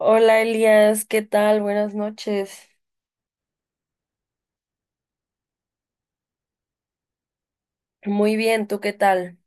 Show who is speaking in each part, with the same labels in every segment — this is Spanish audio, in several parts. Speaker 1: Hola Elías, ¿qué tal? Buenas noches. Muy bien, ¿tú qué tal?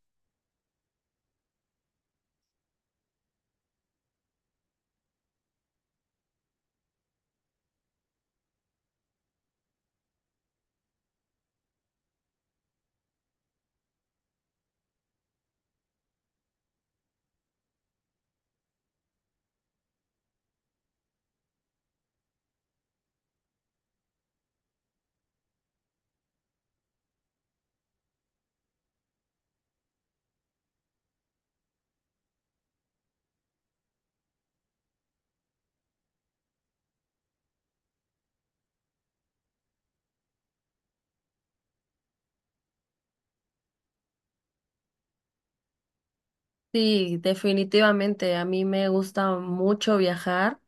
Speaker 1: Sí, definitivamente. A mí me gusta mucho viajar.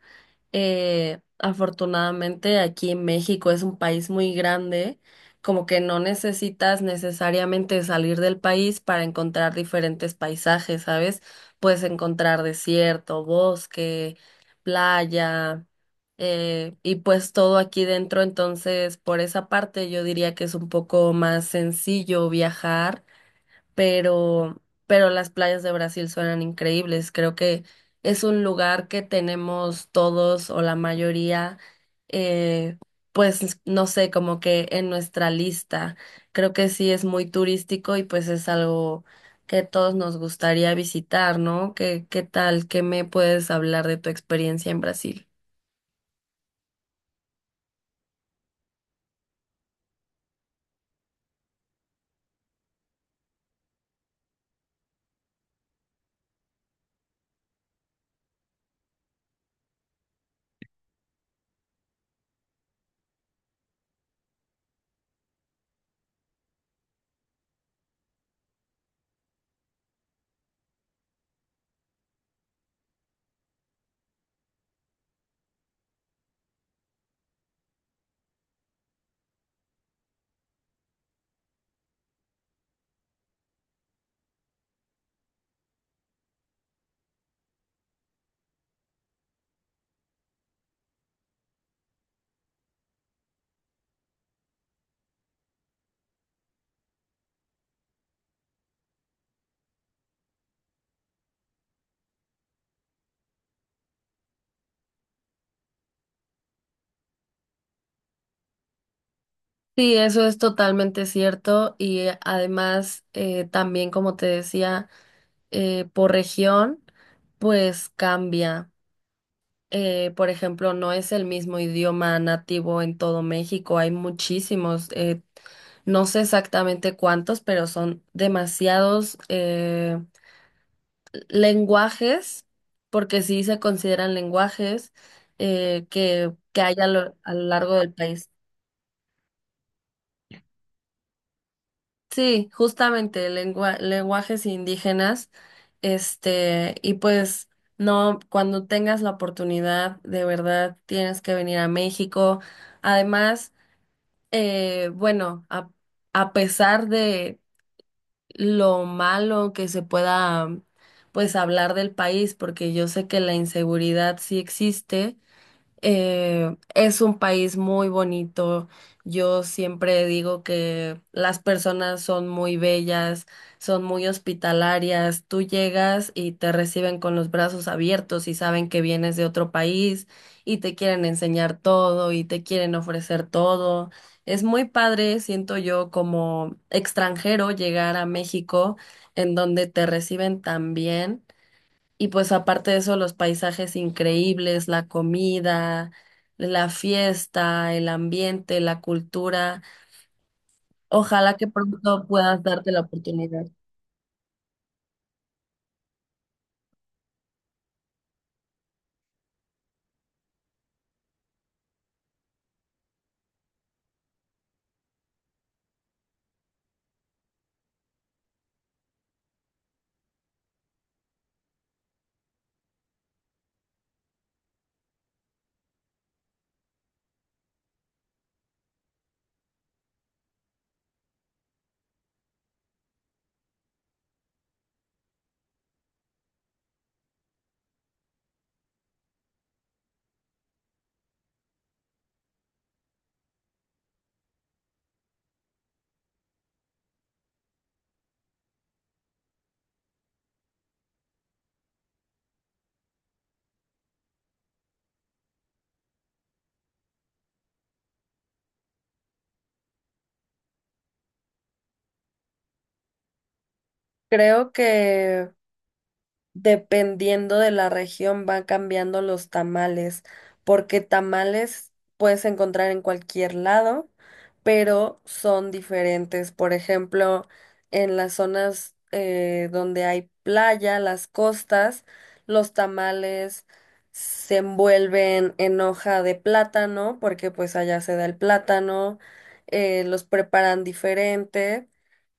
Speaker 1: Afortunadamente aquí en México es un país muy grande, como que no necesitas necesariamente salir del país para encontrar diferentes paisajes, ¿sabes? Puedes encontrar desierto, bosque, playa, y pues todo aquí dentro, entonces por esa parte yo diría que es un poco más sencillo viajar pero, pero las playas de Brasil suenan increíbles. Creo que es un lugar que tenemos todos o la mayoría, eh, pues no sé, como que en nuestra lista. Creo que sí es muy turístico y pues es algo que todos nos gustaría visitar, ¿no? ¿Qué tal? ¿Qué me puedes hablar de tu experiencia en Brasil? Sí, eso es totalmente cierto y además también como te decía por región, pues cambia. Por ejemplo, no es el mismo idioma nativo en todo México, hay muchísimos, no sé exactamente cuántos, pero son demasiados lenguajes, porque sí se consideran lenguajes que hay a lo largo del país. Sí, justamente lenguajes indígenas, este, y pues no, cuando tengas la oportunidad, de verdad tienes que venir a México. Además, bueno, a pesar de lo malo que se pueda, pues, hablar del país, porque yo sé que la inseguridad sí existe, es un país muy bonito. Yo siempre digo que las personas son muy bellas, son muy hospitalarias. Tú llegas y te reciben con los brazos abiertos y saben que vienes de otro país y te quieren enseñar todo y te quieren ofrecer todo. Es muy padre, siento yo, como extranjero llegar a México en donde te reciben tan bien. Y pues aparte de eso, los paisajes increíbles, la comida, la fiesta, el ambiente, la cultura. Ojalá que pronto puedas darte la oportunidad. Creo que dependiendo de la región van cambiando los tamales, porque tamales puedes encontrar en cualquier lado, pero son diferentes. Por ejemplo, en las zonas donde hay playa, las costas, los tamales se envuelven en hoja de plátano, porque pues allá se da el plátano. Eh, los preparan diferente.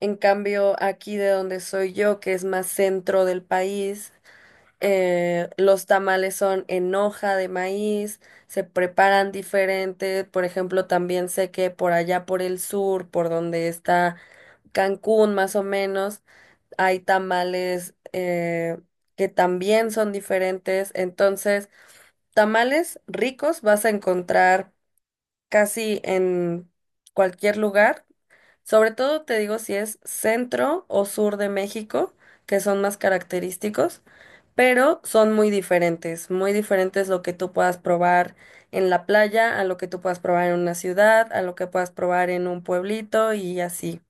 Speaker 1: En cambio, aquí de donde soy yo, que es más centro del país, los tamales son en hoja de maíz, se preparan diferente. Por ejemplo, también sé que por allá por el sur, por donde está Cancún más o menos, hay tamales que también son diferentes. Entonces, tamales ricos vas a encontrar casi en cualquier lugar. Sobre todo te digo si es centro o sur de México, que son más característicos, pero son muy diferentes lo que tú puedas probar en la playa, a lo que tú puedas probar en una ciudad, a lo que puedas probar en un pueblito y así.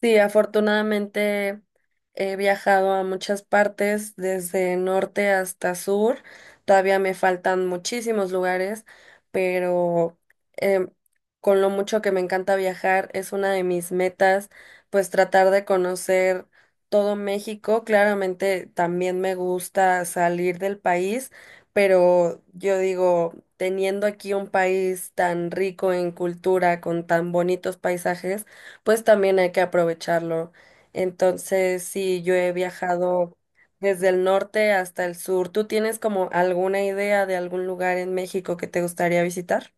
Speaker 1: Sí, afortunadamente he viajado a muchas partes, desde norte hasta sur. Todavía me faltan muchísimos lugares, pero em, con lo mucho que me encanta viajar, es una de mis metas, pues tratar de conocer todo México. Claramente también me gusta salir del país, pero yo digo, teniendo aquí un país tan rico en cultura, con tan bonitos paisajes, pues también hay que aprovecharlo. Entonces, sí, yo he viajado desde el norte hasta el sur. ¿Tú tienes como alguna idea de algún lugar en México que te gustaría visitar?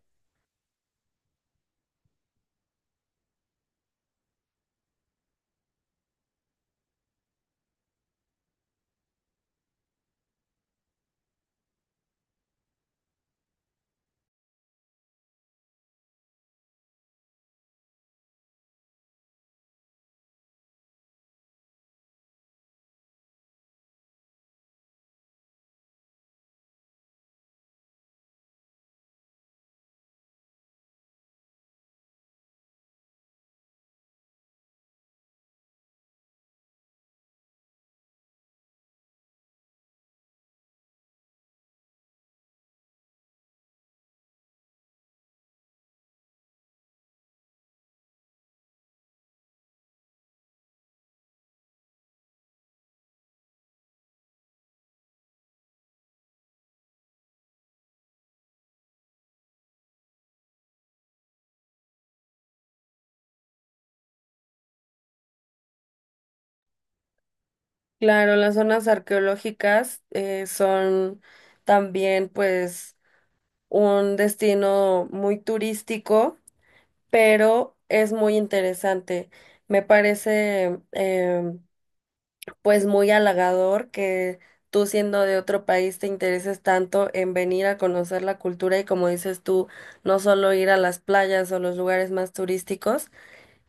Speaker 1: Claro, las zonas arqueológicas son también pues un destino muy turístico, pero es muy interesante. Me parece pues muy halagador que tú siendo de otro país te intereses tanto en venir a conocer la cultura y como dices tú, no solo ir a las playas o los lugares más turísticos.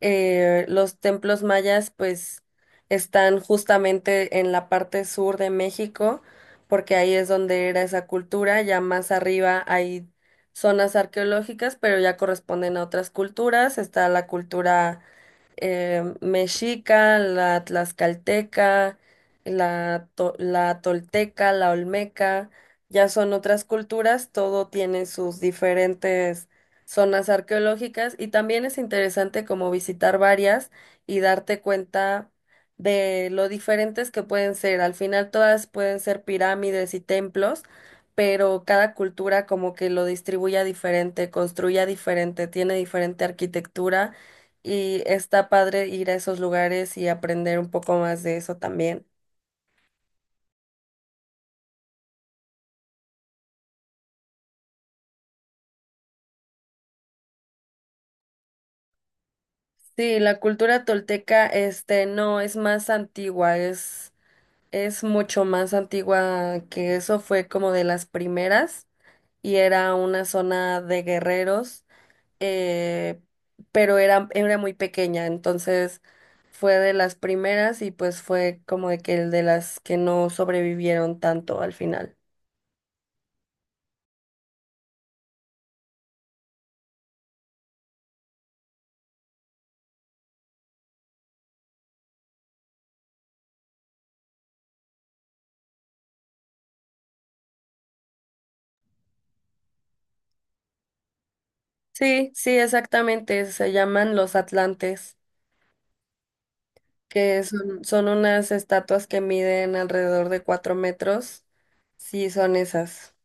Speaker 1: Eh, los templos mayas pues están justamente en la parte sur de México, porque ahí es donde era esa cultura. Ya más arriba hay zonas arqueológicas, pero ya corresponden a otras culturas. Está la cultura mexica, la tlaxcalteca, la tolteca, la olmeca. Ya son otras culturas, todo tiene sus diferentes zonas arqueológicas y también es interesante como visitar varias y darte cuenta de lo diferentes que pueden ser. Al final todas pueden ser pirámides y templos, pero cada cultura como que lo distribuya diferente, construya diferente, tiene diferente arquitectura y está padre ir a esos lugares y aprender un poco más de eso también. Sí, la cultura tolteca, este, no, es más antigua, es mucho más antigua que eso, fue como de las primeras y era una zona de guerreros, eh, pero era muy pequeña, entonces fue de las primeras y pues fue como de que el de las que no sobrevivieron tanto al final. Sí, sí, exactamente, se llaman los Atlantes, que son unas estatuas que miden alrededor de 4 metros. Sí, son esas.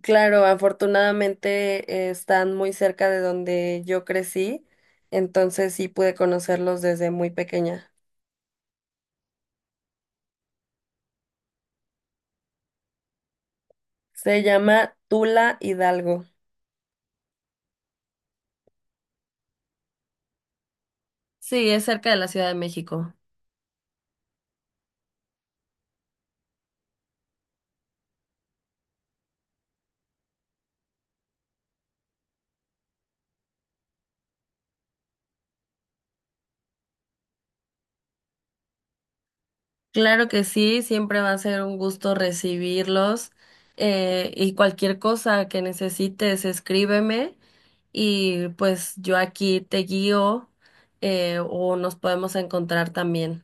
Speaker 1: Claro, afortunadamente están muy cerca de donde yo crecí, entonces sí pude conocerlos desde muy pequeña. Se llama Tula Hidalgo. Sí, es cerca de la Ciudad de México. Claro que sí, siempre va a ser un gusto recibirlos y cualquier cosa que necesites, escríbeme y pues yo aquí te guío, o nos podemos encontrar también.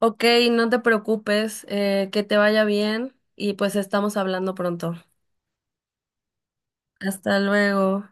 Speaker 1: Ok, no te preocupes, que te vaya bien y pues estamos hablando pronto. Hasta luego.